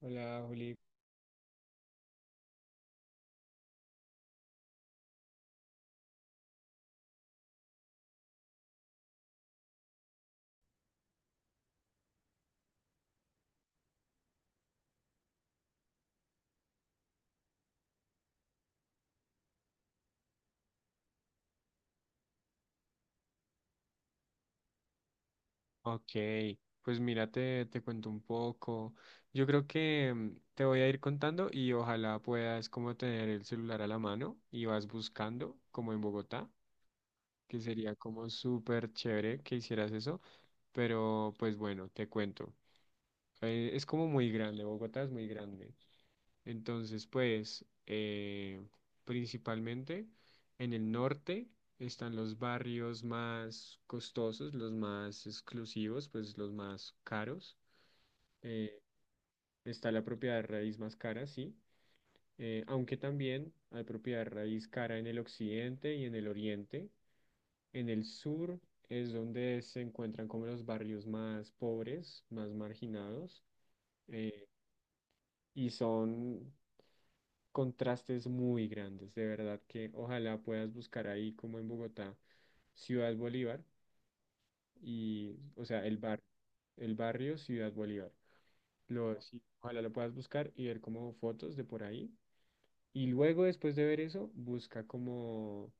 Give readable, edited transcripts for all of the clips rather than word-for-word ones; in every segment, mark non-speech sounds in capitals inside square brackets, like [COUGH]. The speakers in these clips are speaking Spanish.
Hola, Juli. Ok, pues mira, te cuento un poco. Yo creo que te voy a ir contando y ojalá puedas como tener el celular a la mano y vas buscando, como en Bogotá, que sería como súper chévere que hicieras eso. Pero pues bueno, te cuento. Es como muy grande, Bogotá es muy grande. Entonces, pues, principalmente en el norte están los barrios más costosos, los más exclusivos, pues los más caros. Eh, Está la propiedad de raíz más cara, sí. Aunque también hay propiedad de raíz cara en el occidente y en el oriente. En el sur es donde se encuentran como los barrios más pobres, más marginados. eh, y son contrastes muy grandes. De verdad que ojalá puedas buscar ahí como en Bogotá, Ciudad Bolívar y, o sea, el barrio Ciudad Bolívar. Lo, sí, ojalá lo puedas buscar y ver como fotos de por ahí. Y luego después de ver eso, busca como,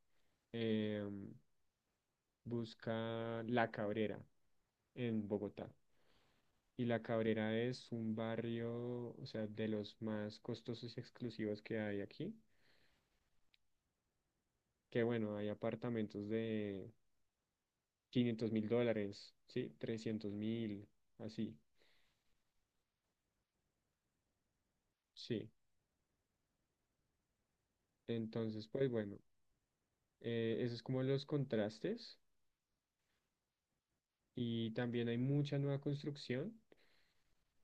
em, busca La Cabrera en Bogotá. Y La Cabrera es un barrio, o sea, de los más costosos y exclusivos que hay aquí. Que bueno, hay apartamentos de 500.000 dólares, ¿sí? 300.000, así, sí. Entonces, pues bueno, eso es como los contrastes y también hay mucha nueva construcción.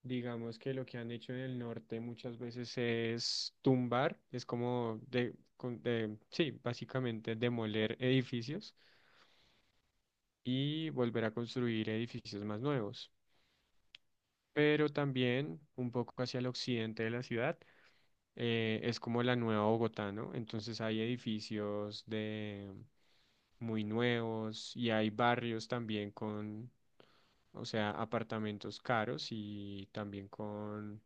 Digamos que lo que han hecho en el norte muchas veces es tumbar, es como sí, básicamente demoler edificios y volver a construir edificios más nuevos. Pero también un poco hacia el occidente de la ciudad. Es como la nueva Bogotá, ¿no? Entonces hay edificios de muy nuevos y hay barrios también con, o sea, apartamentos caros y también con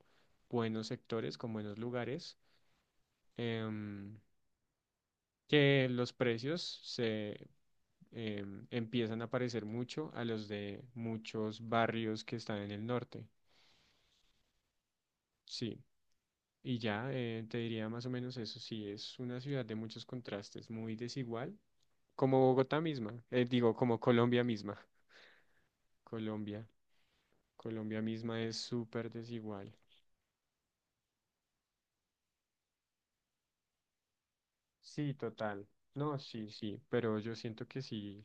buenos sectores, con buenos lugares, em, que los precios se empiezan a parecer mucho a los de muchos barrios que están en el norte. Sí. Y ya te diría más o menos eso, sí, es una ciudad de muchos contrastes, muy desigual, como Bogotá misma, digo, como Colombia misma. Colombia, Colombia misma es súper desigual. Sí, total. No, sí, sí, pero yo siento que sí,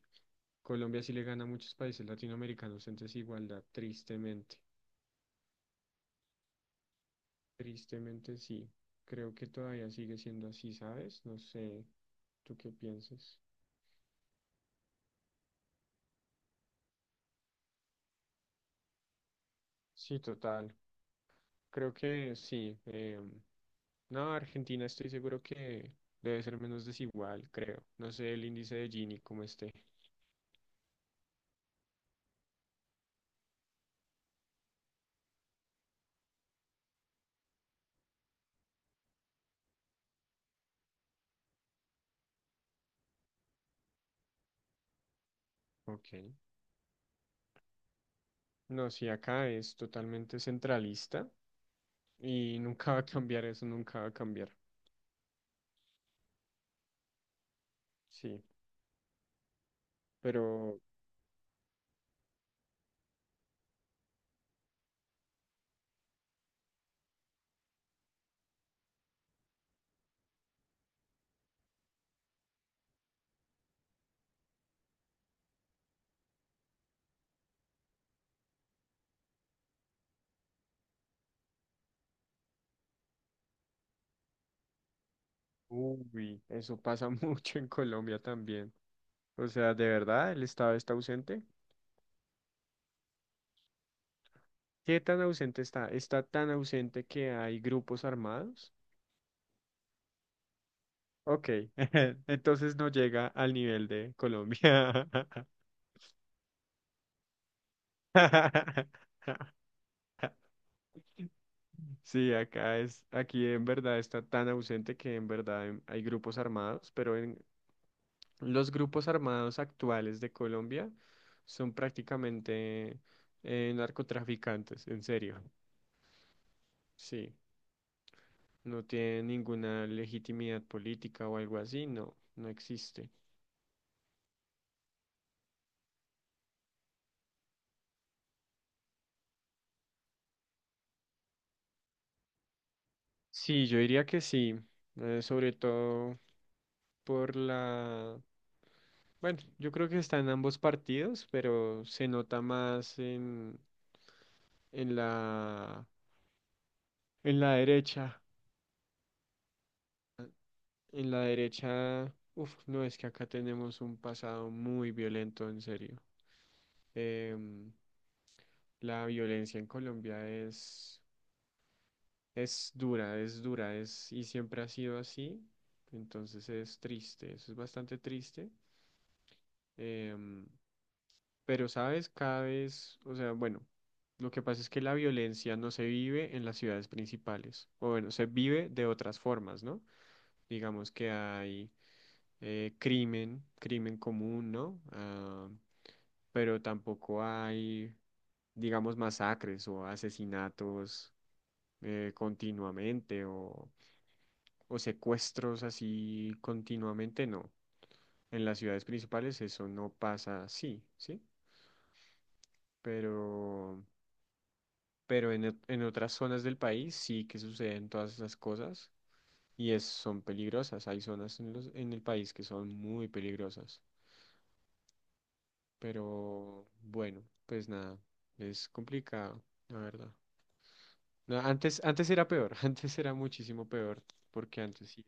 Colombia sí le gana a muchos países latinoamericanos en desigualdad, tristemente. Tristemente sí. Creo que todavía sigue siendo así, ¿sabes? No sé, ¿tú qué piensas? Sí, total. Creo que sí. No, Argentina estoy seguro que debe ser menos desigual, creo. No sé el índice de Gini cómo esté. Ok. No, sí, acá es totalmente centralista y nunca va a cambiar eso, nunca va a cambiar. Sí, pero, uy, eso pasa [LAUGHS] mucho en Colombia también. O sea, de verdad, el Estado está ausente. ¿Qué tan ausente está? Está tan ausente que hay grupos armados. Ok, [LAUGHS] entonces no llega al nivel de Colombia. [LAUGHS] Sí, acá es, aquí en verdad está tan ausente que en verdad hay grupos armados, pero en los grupos armados actuales de Colombia son prácticamente narcotraficantes, en serio. Sí, no tienen ninguna legitimidad política o algo así, no, no existe. Sí, yo diría que sí, sobre todo por la... Bueno, yo creo que está en ambos partidos, pero se nota más en la, en la derecha, en la derecha, uf, no, es que acá tenemos un pasado muy violento, en serio. Em, la violencia en Colombia es dura, y siempre ha sido así, entonces es triste, eso es bastante triste. em, pero, ¿sabes? Cada vez, o sea, bueno, lo que pasa es que la violencia no se vive en las ciudades principales, o bueno, se vive de otras formas, ¿no? Digamos que hay crimen, crimen común, ¿no? Ah, pero tampoco hay, digamos, masacres o asesinatos continuamente o secuestros así continuamente, no. En las ciudades principales eso no pasa así, ¿sí? Pero, pero en otras zonas del país sí que suceden todas esas cosas y son peligrosas. Hay zonas en el país que son muy peligrosas. Pero bueno, pues nada, es complicado, la verdad. No, antes, antes era peor, [LAUGHS] antes era muchísimo peor, porque antes sí.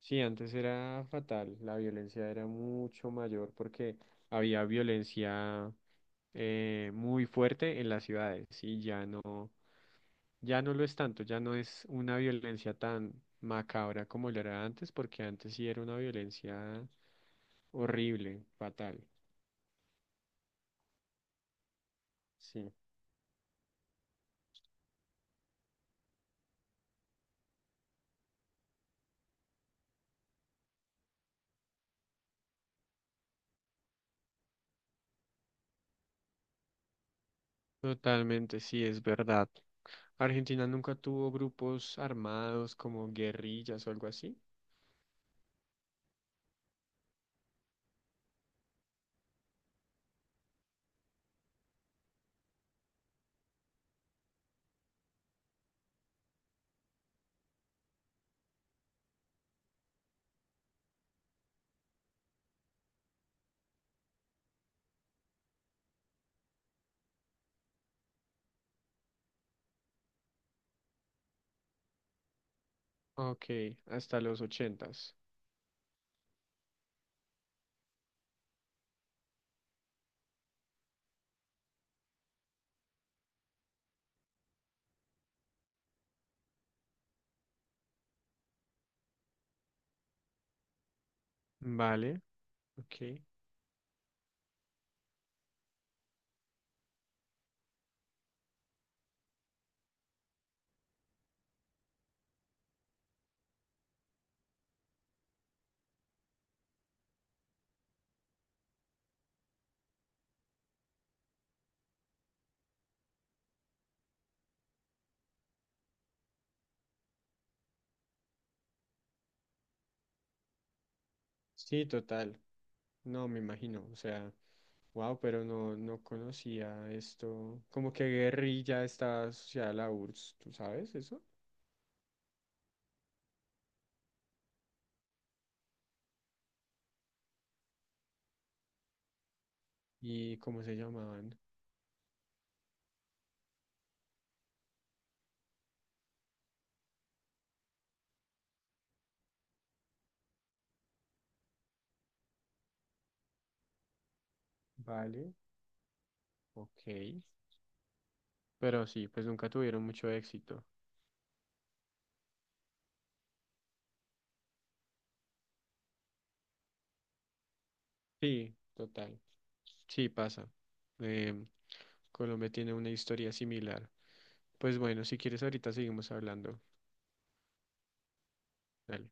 Sí, antes era fatal, la violencia era mucho mayor porque había violencia muy fuerte en las ciudades y ya no, ya no lo es tanto, ya no es una violencia tan macabra como lo era antes, porque antes sí era una violencia horrible, fatal. Sí. Totalmente, sí, es verdad. Argentina nunca tuvo grupos armados como guerrillas o algo así. Ok, hasta los ochentas. Vale, ok. Sí, total. No, me imagino. O sea, wow, pero no, no conocía esto. Como que guerrilla está asociada a la URSS, ¿tú sabes eso? ¿Y cómo se llamaban? Vale, ok. Pero sí, pues nunca tuvieron mucho éxito. Sí, total. Sí, pasa. Em, Colombia tiene una historia similar. Pues bueno, si quieres ahorita seguimos hablando. Dale.